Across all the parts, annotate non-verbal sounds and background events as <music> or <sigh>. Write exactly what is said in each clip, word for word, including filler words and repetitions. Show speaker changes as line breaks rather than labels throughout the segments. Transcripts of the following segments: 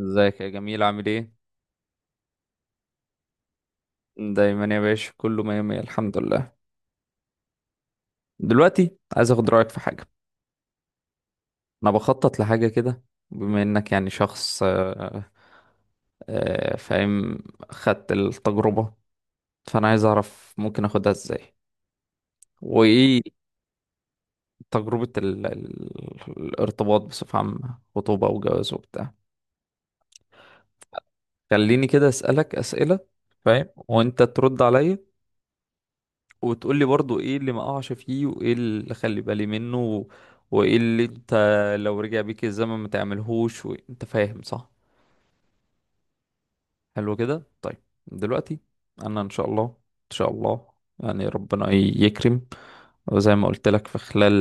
ازيك يا جميل؟ عامل ايه؟ دايما يا باشا، كله مية مية الحمد لله. دلوقتي عايز اخد رأيك في حاجة. انا بخطط لحاجة كده. بما انك يعني شخص آه، آه، فاهم، خدت التجربة. فانا عايز اعرف ممكن اخدها ازاي وايه. تجربة ال... ال... الارتباط بصفة عامة، خطوبة وجواز وبتاع. خليني كده اسألك اسئلة، فاهم، وانت ترد عليا وتقول لي برضو ايه اللي ما اقعش فيه وايه اللي اخلي بالي منه و- وايه اللي انت لو رجع بيك الزمن ما تعملهوش، وانت فاهم صح؟ حلو كده طيب. دلوقتي انا ان شاء الله ان شاء الله يعني ربنا يكرم، وزي ما قلت لك في خلال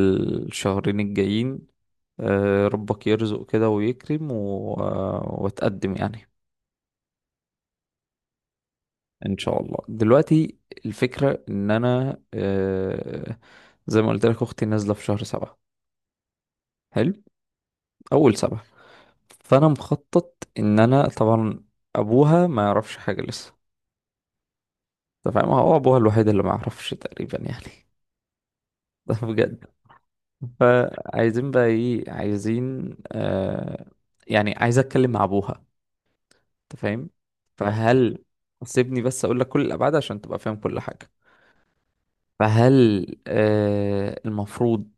الشهرين الجايين آه، ربك يرزق كده ويكرم و... آه، واتقدم يعني. ان شاء الله. دلوقتي الفكرة ان انا آه، زي ما قلت لك اختي نازلة في شهر سبعة، حلو، اول سبعة. فانا مخطط ان انا طبعا، ابوها ما يعرفش حاجة لسه. انت فاهم، هو ابوها الوحيد اللي ما يعرفش تقريبا يعني. <laughs> ده بجد. فعايزين بقى ايه، عايزين آه يعني عايز اتكلم مع ابوها، انت فاهم. فهل، سيبني بس اقول لك كل الابعاد عشان تبقى فاهم كل حاجة. فهل آه المفروض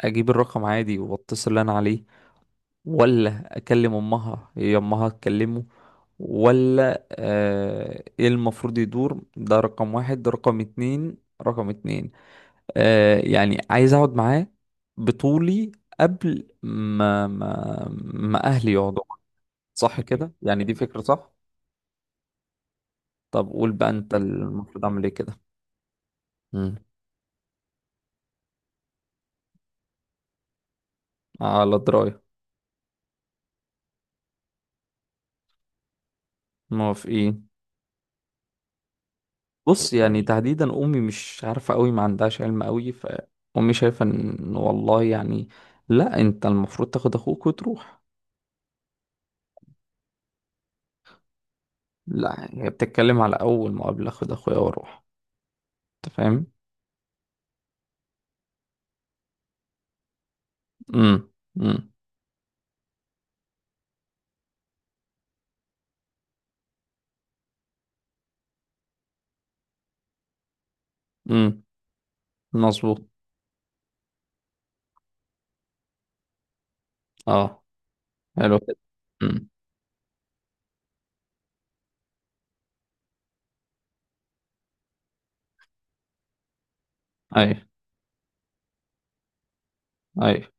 اجيب الرقم عادي واتصل اللي انا عليه، ولا اكلم امها هي امها تكلمه، ولا آه ايه المفروض يدور. ده رقم واحد، ده رقم اتنين، رقم اتنين آه يعني عايز اقعد معاه بطولي قبل ما ما ما اهلي يقعدوا. صح كده؟ يعني دي فكرة صح؟ طب قول بقى انت المفروض اعمل ايه كده. مم. على دراية. موافقين. بص، يعني تحديدا امي مش عارفه قوي، ما عندهاش علم قوي، فامي شايفه ان والله يعني لا انت المفروض تاخد اخوك وتروح. لا، هي بتتكلم على اول مقابله اخد اخويا واروح، انت فاهم. امم. امم. امم مظبوط. اه، حلو كده. امم. ايوه. ايوه.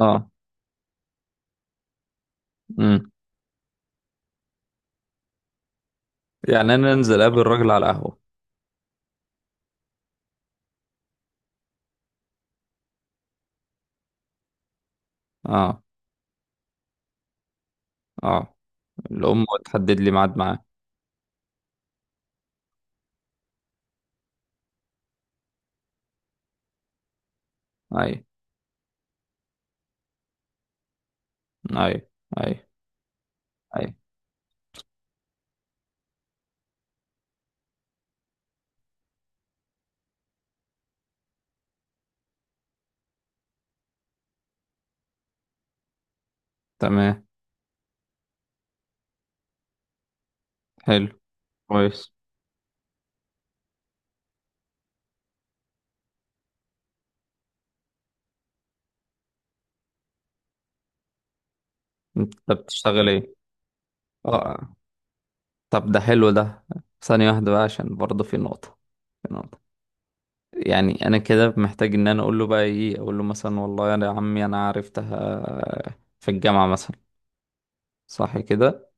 اه. امم. يعني انا انزل اقابل الراجل على القهوه. اه. اه. الام تحدد لي ميعاد معاه. ايوه. ايوه. ايوه. ايوه. تمام. حلو. كويس. انت بتشتغل ايه؟ اه، طب ده حلو ده. ثانية واحدة بقى، عشان برضه في نقطة، في نقطة يعني أنا كده محتاج إن أنا أقول له بقى إيه. أقول له مثلا والله يا عمي أنا عرفتها في الجامعة مثلا، صح كده؟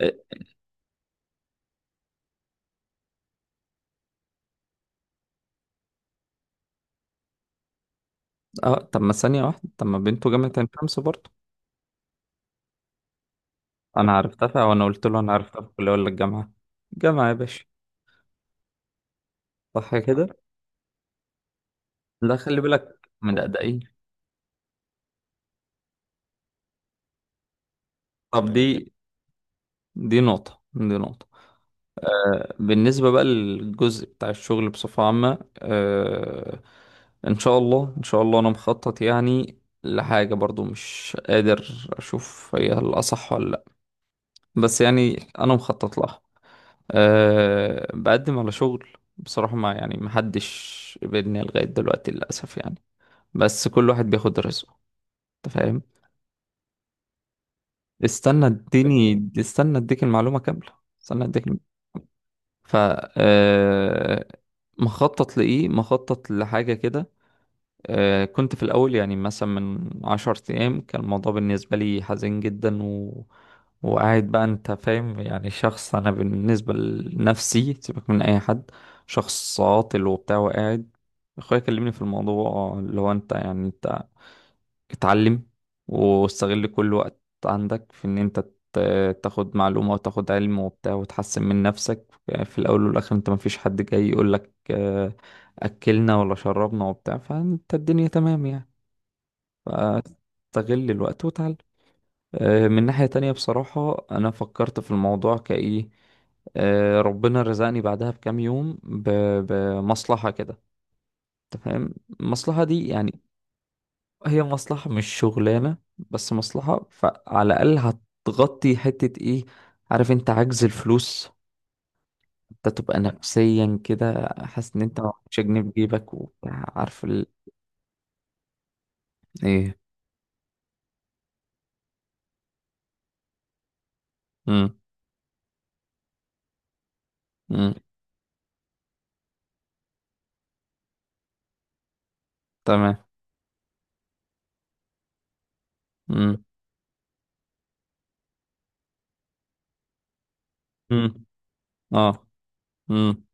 إيه. اه. طب ما ثانية واحدة، طب ما بنته جامعة عين شمس برضه. أنا عرفتها وأنا قلت له أنا عرفتها في الكلية ولا الجامعة؟ جامعة يا باشا. صح كده. لا خلي بالك من الأدائين. طب دي، دي نقطة دي نقطة. آه، بالنسبة بقى للجزء بتاع الشغل بصفة عامة، آه، إن شاء الله إن شاء الله أنا مخطط يعني لحاجة، برضو مش قادر أشوف هي الأصح ولا لأ، بس يعني أنا مخطط لها. أه بقدم على شغل. بصراحة ما يعني محدش قبلني لغاية دلوقتي للأسف يعني، بس كل واحد بياخد رزقه، أنت فاهم. استنى اديني، استنى اديك المعلومة كاملة، استنى اديك. ف آه، مخطط لإيه؟ مخطط لحاجة كده. آه، كنت في الأول يعني مثلا من عشر أيام، كان الموضوع بالنسبة لي حزين جدا و... وقاعد بقى، أنت فاهم، يعني شخص، أنا بالنسبة لنفسي سيبك من أي حد، شخص عاطل وبتاع وقاعد. أخويا كلمني في الموضوع اللي هو أنت، يعني أنت اتعلم واستغل كل وقت عندك في ان انت ت- تاخد معلومة وتاخد علم وبتاع وتحسن من نفسك. في الاول والاخر انت مفيش حد جاي يقولك آه، اكلنا ولا شربنا وبتاع، فانت الدنيا تمام يعني، فاستغل الوقت وتعلم. آه، من ناحية تانية بصراحة انا فكرت في الموضوع كايه. آه، ربنا رزقني بعدها بكام يوم ب- بمصلحة كده، انت فاهم. المصلحة دي يعني هي مصلحة مش شغلانة، بس مصلحة فعلى الأقل هتغطي حتة ايه، عارف، انت عجز الفلوس. انت تبقى نفسيا كده حاسس ان انت مش جنيه في جيبك وبتاع، عارف ال... ايه. مم. مم. تمام. مم. مم. اه. مم.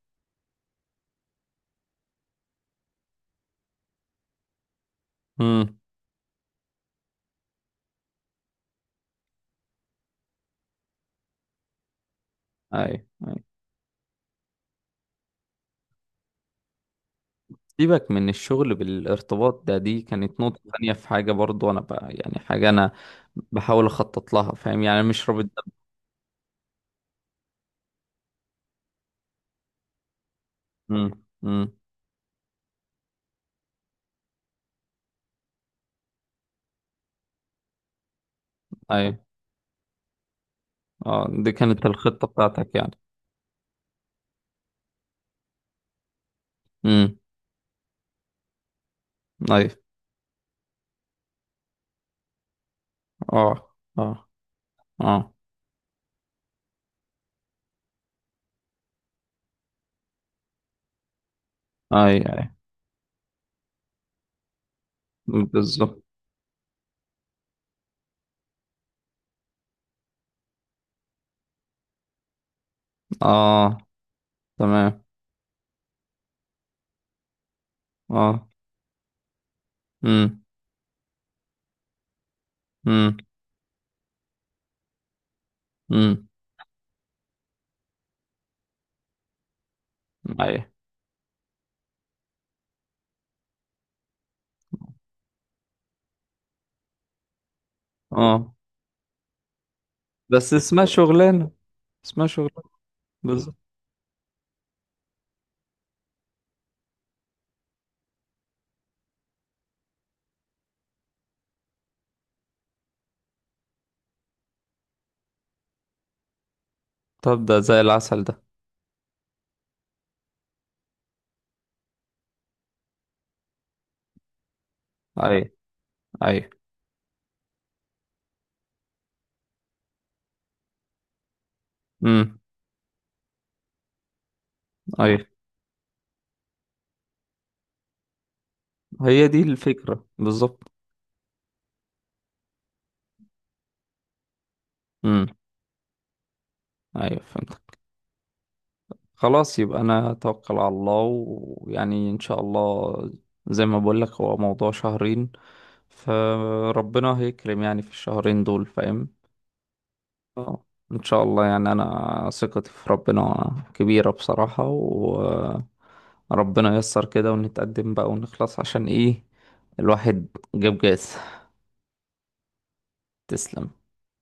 مم. اي. اي. سيبك من الشغل، بالارتباط ده دي كانت نقطة تانية، في حاجة برضو انا بقى يعني، حاجة انا بحاول اخطط لها، فاهم يعني، مش رابط ده. مم. مم. اي. اه دي كانت الخطة بتاعتك يعني. امم. اي. اه. اه. اه. اي. اي. بالظبط. اه. تمام. اه. امم. امم. امم. اي. اه بس اسمها شغلانة، اسمها شغلانة. بالظبط. طب ده زي العسل ده. اي. اي. امم. اي، هي دي الفكرة بالظبط. امم. ايوه فهمتك. خلاص يبقى انا اتوكل على الله، ويعني ان شاء الله، زي ما بقول لك هو موضوع شهرين، فربنا هيكرم يعني في الشهرين دول، فاهم؟ آه، ان شاء الله يعني، انا ثقتي في ربنا كبيرة بصراحة، وربنا ييسر كده ونتقدم بقى ونخلص، عشان ايه، الواحد جاب جاز. تسلم.